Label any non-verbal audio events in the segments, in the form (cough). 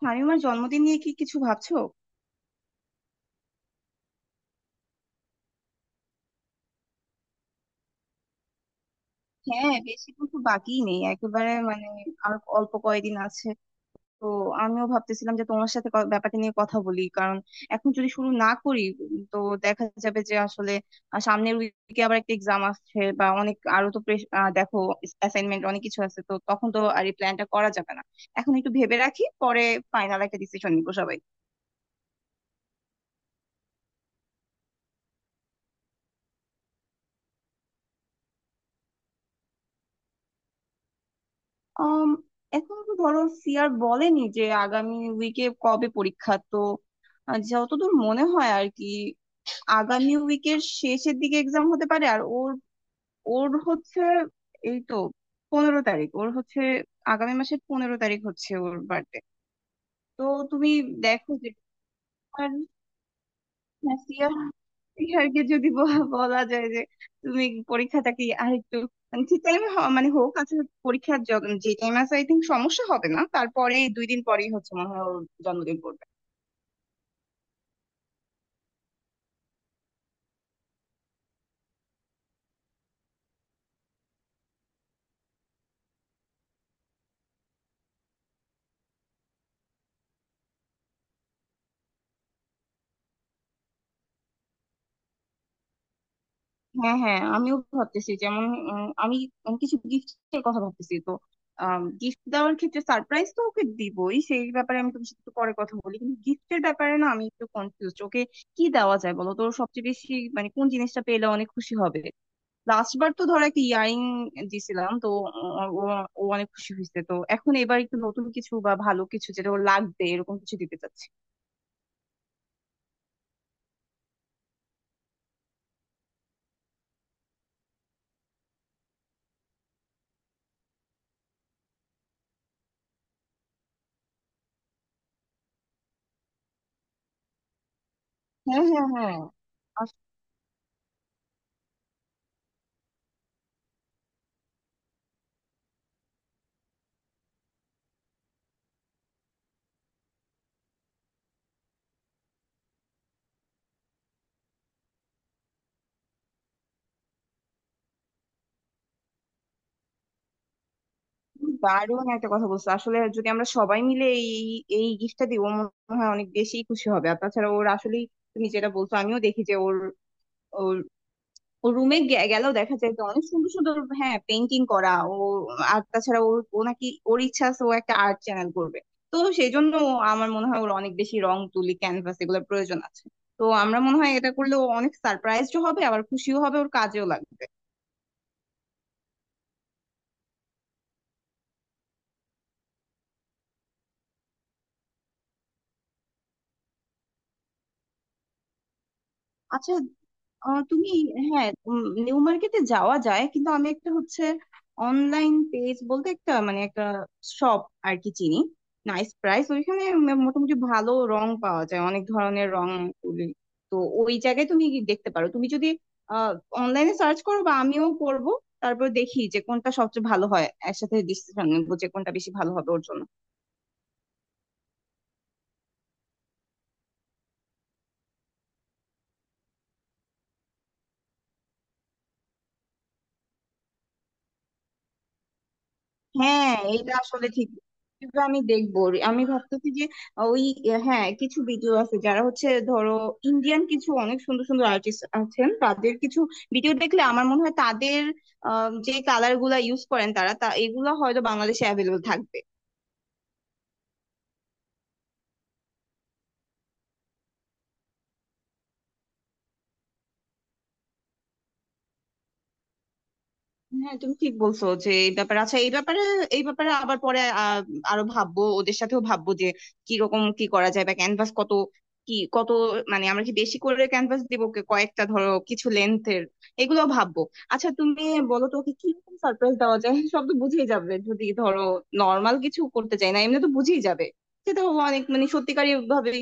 শামিমার জন্মদিন নিয়ে কি কিছু ভাবছো? হ্যাঁ, বেশি কিন্তু বাকিই নেই একেবারে, মানে আর অল্প কয়েকদিন আছে। তো আমিও ভাবতেছিলাম যে তোমার সাথে ব্যাপারটা নিয়ে কথা বলি, কারণ এখন যদি শুরু না করি তো দেখা যাবে যে আসলে সামনের উইকে আবার একটা এক্সাম আসছে বা অনেক আরো, তো দেখো অ্যাসাইনমেন্ট অনেক কিছু আছে, তো তখন তো আর এই প্ল্যানটা করা যাবে না। এখন একটু ভেবে রাখি, পরে ফাইনাল একটা ডিসিশন নিবো সবাই। আম, এখন ধরো সিআর বলেনি যে আগামী উইকে কবে পরীক্ষা, তো যতদূর মনে হয় আর কি, আগামী উইকের শেষের দিকে এক্সাম হতে পারে, আর ওর ওর হচ্ছে এই তো 15 তারিখ ওর হচ্ছে, আগামী মাসের 15 তারিখ হচ্ছে ওর বার্থডে। তো তুমি দেখো যে নাসিয়া নাসিহাকে যদি বলা যায় যে তুমি পরীক্ষাটা কি আরেকটু, মানে ঠিক টাইমে মানে হোক আসলে, পরীক্ষার যে টাইম আছে আই থিঙ্ক সমস্যা হবে না, তারপরে 2 দিন পরেই হচ্ছে মনে হয় ওর জন্মদিন পড়বে। হ্যাঁ, হ্যাঁ, আমিও ভাবতেছি যেমন আমি আমি কিছু গিফটের কথা ভাবতেছি, তো গিফট দেওয়ার ক্ষেত্রে সারপ্রাইজ তো ওকে দিবই, সেই ব্যাপারে আমি তোমার সাথে একটু পরে কথা বলি, কিন্তু গিফটের ব্যাপারে না আমি একটু কনফিউজ, ওকে কি দেওয়া যায় বলো তো? ওর সবচেয়ে বেশি মানে কোন জিনিসটা পেলে অনেক খুশি হবে? লাস্ট বার তো ধরো একটা ইয়ারিং দিছিলাম, তো ও ও অনেক খুশি হয়েছে, তো এখন এবার একটু নতুন কিছু বা ভালো কিছু যেটা ওর লাগবে এরকম কিছু দিতে চাচ্ছি। হ্যাঁ, হ্যাঁ, হ্যাঁ, আসলে দারুণ একটা কথা বলছো। আসলে যদি আমরা সবাই মিলে এই এই গিফটটা দিই ও মনে হয় অনেক বেশি খুশি হবে, আর তাছাড়া ওর আসলেই তুমি যেটা বলছো আমিও দেখি যে ওর, ও রুমে গেলেও দেখা যায় তো অনেক সুন্দর সুন্দর, হ্যাঁ, পেন্টিং করা। ও আর তাছাড়া ওর, ও নাকি ওর ইচ্ছা আছে ও একটা আর্ট চ্যানেল করবে, তো সেই জন্য আমার মনে হয় ওর অনেক বেশি রং, তুলি, ক্যানভাস এগুলোর প্রয়োজন আছে। তো আমরা মনে হয় এটা করলে ও অনেক সারপ্রাইজড হবে, আবার খুশিও হবে, ওর কাজেও লাগবে। আচ্ছা, তুমি, হ্যাঁ, নিউ মার্কেটে যাওয়া যায়, কিন্তু আমি একটা হচ্ছে অনলাইন পেজ বলতে একটা মানে একটা শপ আর কি চিনি, নাইস প্রাইস, ওইখানে মোটামুটি ভালো রং পাওয়া যায় অনেক ধরনের, রং, তুলি। তো ওই জায়গায় তুমি কি দেখতে পারো, তুমি যদি আহ অনলাইনে সার্চ করো বা আমিও করব, তারপর দেখি যে কোনটা সবচেয়ে ভালো হয়, একসাথে ডিসিশন নেবো যে কোনটা বেশি ভালো হবে ওর জন্য। হ্যাঁ, এটা আসলে ঠিক, কিন্তু আমি দেখবো। আমি ভাবতেছি যে ওই, হ্যাঁ কিছু ভিডিও আছে যারা হচ্ছে, ধরো ইন্ডিয়ান কিছু অনেক সুন্দর সুন্দর আর্টিস্ট আছেন, তাদের কিছু ভিডিও দেখলে আমার মনে হয় তাদের যে কালার গুলা ইউজ করেন তারা, তা এগুলা হয়তো বাংলাদেশে অ্যাভেলেবল থাকবে। হ্যাঁ তুমি ঠিক বলছো। যে এই ব্যাপারে, আচ্ছা এই ব্যাপারে আবার পরে আরো ভাববো, ওদের সাথেও ভাববো যে কি রকম কি করা যায়, বা ক্যানভাস কত, কি কত, মানে আমরা কি বেশি করে ক্যানভাস দিব, কয়েকটা ধরো কিছু লেন্থের, এগুলো ভাববো। আচ্ছা তুমি বলো তো, ওকে কি রকম সারপ্রাইজ দেওয়া যায়? (laughs) সব তো বুঝেই যাবে যদি ধরো নর্মাল কিছু, করতে চাই না, এমনি তো বুঝেই যাবে সেটা। অনেক মানে সত্যিকারই ভাবে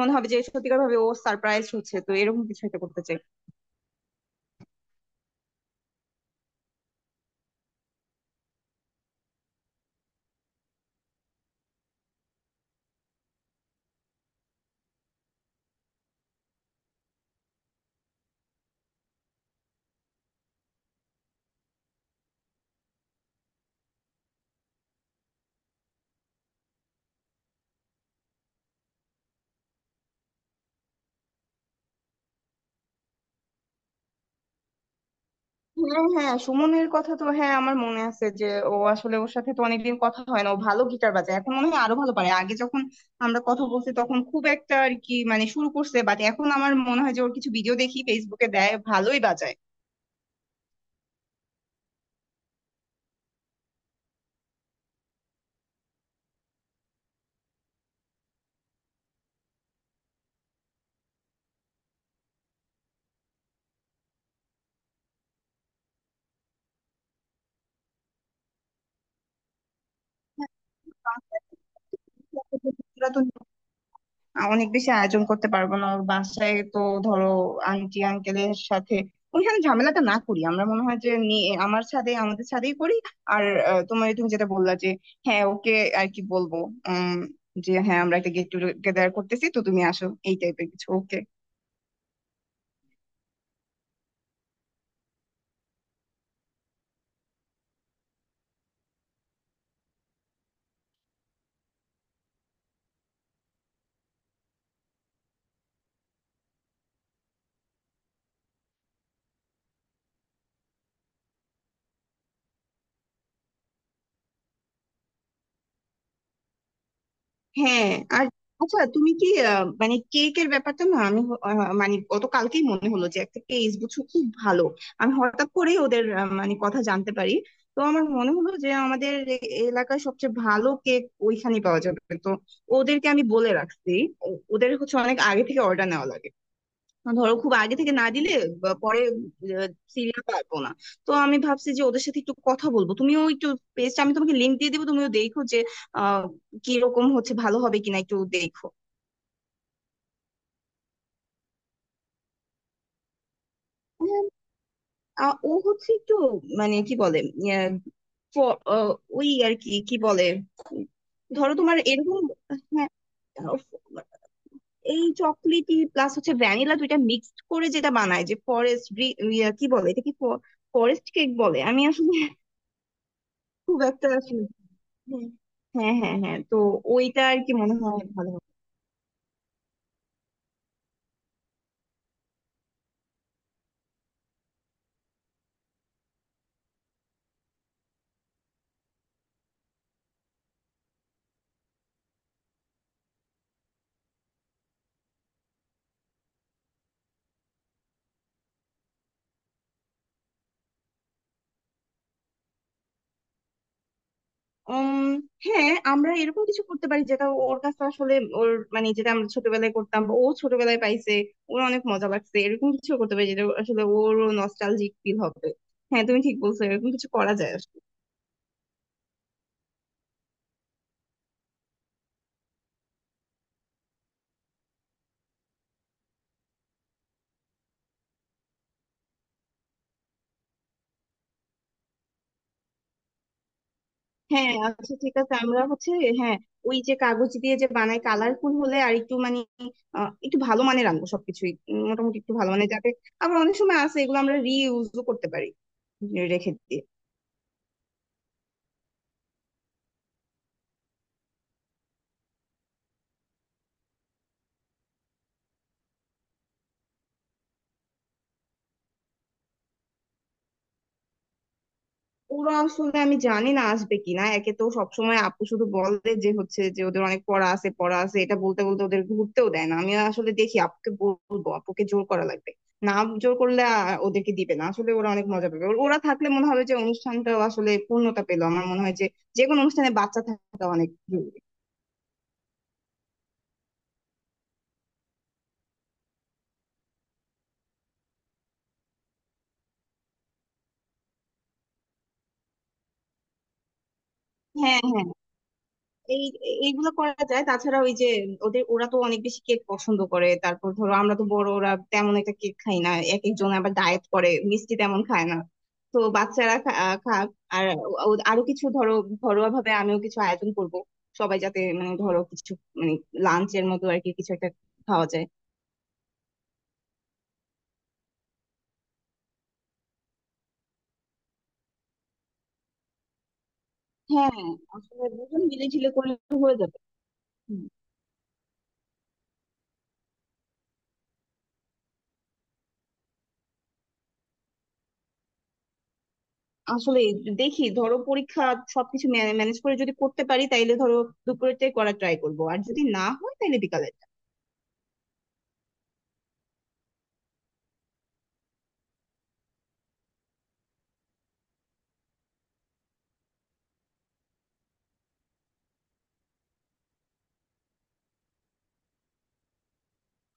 মনে হবে যে সত্যিকার ভাবে ও সারপ্রাইজ হচ্ছে, তো এরকম কিছু একটা করতে চাই। হ্যাঁ, হ্যাঁ, সুমনের কথা তো, হ্যাঁ আমার মনে আছে, যে ও আসলে, ওর সাথে তো অনেকদিন কথা হয় না, ও ভালো গিটার বাজায়, এখন মনে হয় আরো ভালো পারে। আগে যখন আমরা কথা বলছি তখন খুব একটা আর কি, মানে শুরু করছে, বাট এখন আমার মনে হয় যে ওর কিছু ভিডিও দেখি ফেসবুকে দেয়, ভালোই বাজায়। হ্যাঁ, বাংলাদেশের তো অনেক বেশি আয়োজন করতে পারবো না। ওর বাসায় তো ধরো আন্টি আঙ্কেলের সাথে ওইখানে ঝামেলাটা না করি, আমরা মনে হয় যে নিয়ে আমার ছাদে, আমাদের ছাদেই করি। আর তোমার, তুমি যেটা বললা যে হ্যাঁ, ওকে আর কি বলবো, উম যে হযাঁ আমরা একটা গেট টুগেদার করতেছি তো তুমি আসো, এই টাইপের কিছু, ওকে। হ্যাঁ, আর আচ্ছা, তুমি কি মানে কেকের ব্যাপারটা, না আমি মানে গত কালকেই মনে হলো যে একটা কেস, বুঝছো, খুব ভালো। আমি হঠাৎ করেই ওদের মানে কথা জানতে পারি, তো আমার মনে হলো যে আমাদের এলাকার সবচেয়ে ভালো কেক ওইখানেই পাওয়া যাবে। তো ওদেরকে আমি বলে রাখছি, ওদের হচ্ছে অনেক আগে থেকে অর্ডার নেওয়া লাগে। ধরো খুব আগে থেকে না দিলে বা পরে সিরিয়াল পারবো না। তো আমি ভাবছি যে ওদের সাথে একটু কথা বলবো, তুমিও একটু, পেজটা আমি তোমাকে লিংক দিয়ে দিবো, তুমিও দেখো যে আহ কিরকম হচ্ছে, ভালো হবে কিনা একটু দেখো। হ্যাঁ, ও হচ্ছে একটু, মানে কি বলে, আহ, ফ- আহ, ওই আর কি কি বলে, ধরো তোমার এরকম, হ্যাঁ এই চকলেটি প্লাস হচ্ছে ভ্যানিলা, দুইটা মিক্সড করে যেটা বানায় যে, ফরেস্ট কি বলে এটা, কি ফরেস্ট কেক বলে আমি আসলে খুব একটা আসলে, হুম, হ্যাঁ, হ্যাঁ, হ্যাঁ, তো ওইটা আর কি মনে হয় ভালো হবে। উম হ্যাঁ আমরা এরকম কিছু করতে পারি যেটা ওর কাছে আসলে ওর, মানে যেটা আমরা ছোটবেলায় করতাম বা ও ছোটবেলায় পাইছে ওর অনেক মজা লাগছে, এরকম কিছু করতে পারি যেটা আসলে ওরও নস্টালজিক ফিল হবে। হ্যাঁ, তুমি ঠিক বলছো, এরকম কিছু করা যায় আসলে। হ্যাঁ, আচ্ছা ঠিক আছে, আমরা হচ্ছে হ্যাঁ, ওই যে কাগজ দিয়ে যে বানায়, কালারফুল হলে আর একটু মানে একটু ভালো মানের আনবো সবকিছুই, মোটামুটি একটু ভালো মানের যাবে। আবার অনেক সময় আছে এগুলো আমরা রিইউজও করতে পারি, রেখে দিয়ে। ওরা আসলে আমি জানি না আসবে কিনা, একে তো সবসময় আপু শুধু বলে যে হচ্ছে যে ওদের অনেক পড়া আছে, পড়া আছে, এটা বলতে বলতে ওদের ঘুরতেও দেয় না, আমি আসলে দেখি আপুকে বলবো, আপুকে জোর করা লাগবে, না জোর করলে ওদেরকে দিবে না। আসলে ওরা অনেক মজা পাবে, ওরা থাকলে মনে হবে যে অনুষ্ঠানটাও আসলে পূর্ণতা পেলো। আমার মনে হয় যে, যে কোনো অনুষ্ঠানে বাচ্চা থাকা অনেক জরুরি। হ্যাঁ, হ্যাঁ, এই এইগুলো করা যায়, তাছাড়া ওই যে ওদের, ওরা তো অনেক বেশি কেক পছন্দ করে, তারপর ধরো আমরা তো বড়, ওরা তেমন একটা কেক খাই না, এক একজন আবার ডায়েট করে, মিষ্টি তেমন খায় না, তো বাচ্চারা খা- আহ খাক। আর আরো কিছু ধরো, ঘরোয়া ভাবে আমিও কিছু আয়োজন করব, সবাই যাতে মানে ধরো কিছু, মানে লাঞ্চের মতো আর কি কিছু একটা খাওয়া যায়। হ্যাঁ, আসলে দুজন মিলে ঝিলে করলে হয়ে যাবে। হুম। আসলে দেখি ধরো পরীক্ষা সবকিছু ম্যানেজ করে যদি করতে পারি তাইলে ধরো দুপুরেরটাই করার ট্রাই করব, আর যদি না হয় তাহলে বিকালেরটা।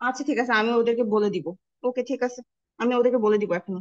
আচ্ছা ঠিক আছে, আমি ওদেরকে বলে দিব। ওকে, ঠিক আছে, আমি ওদেরকে বলে দিব এখন।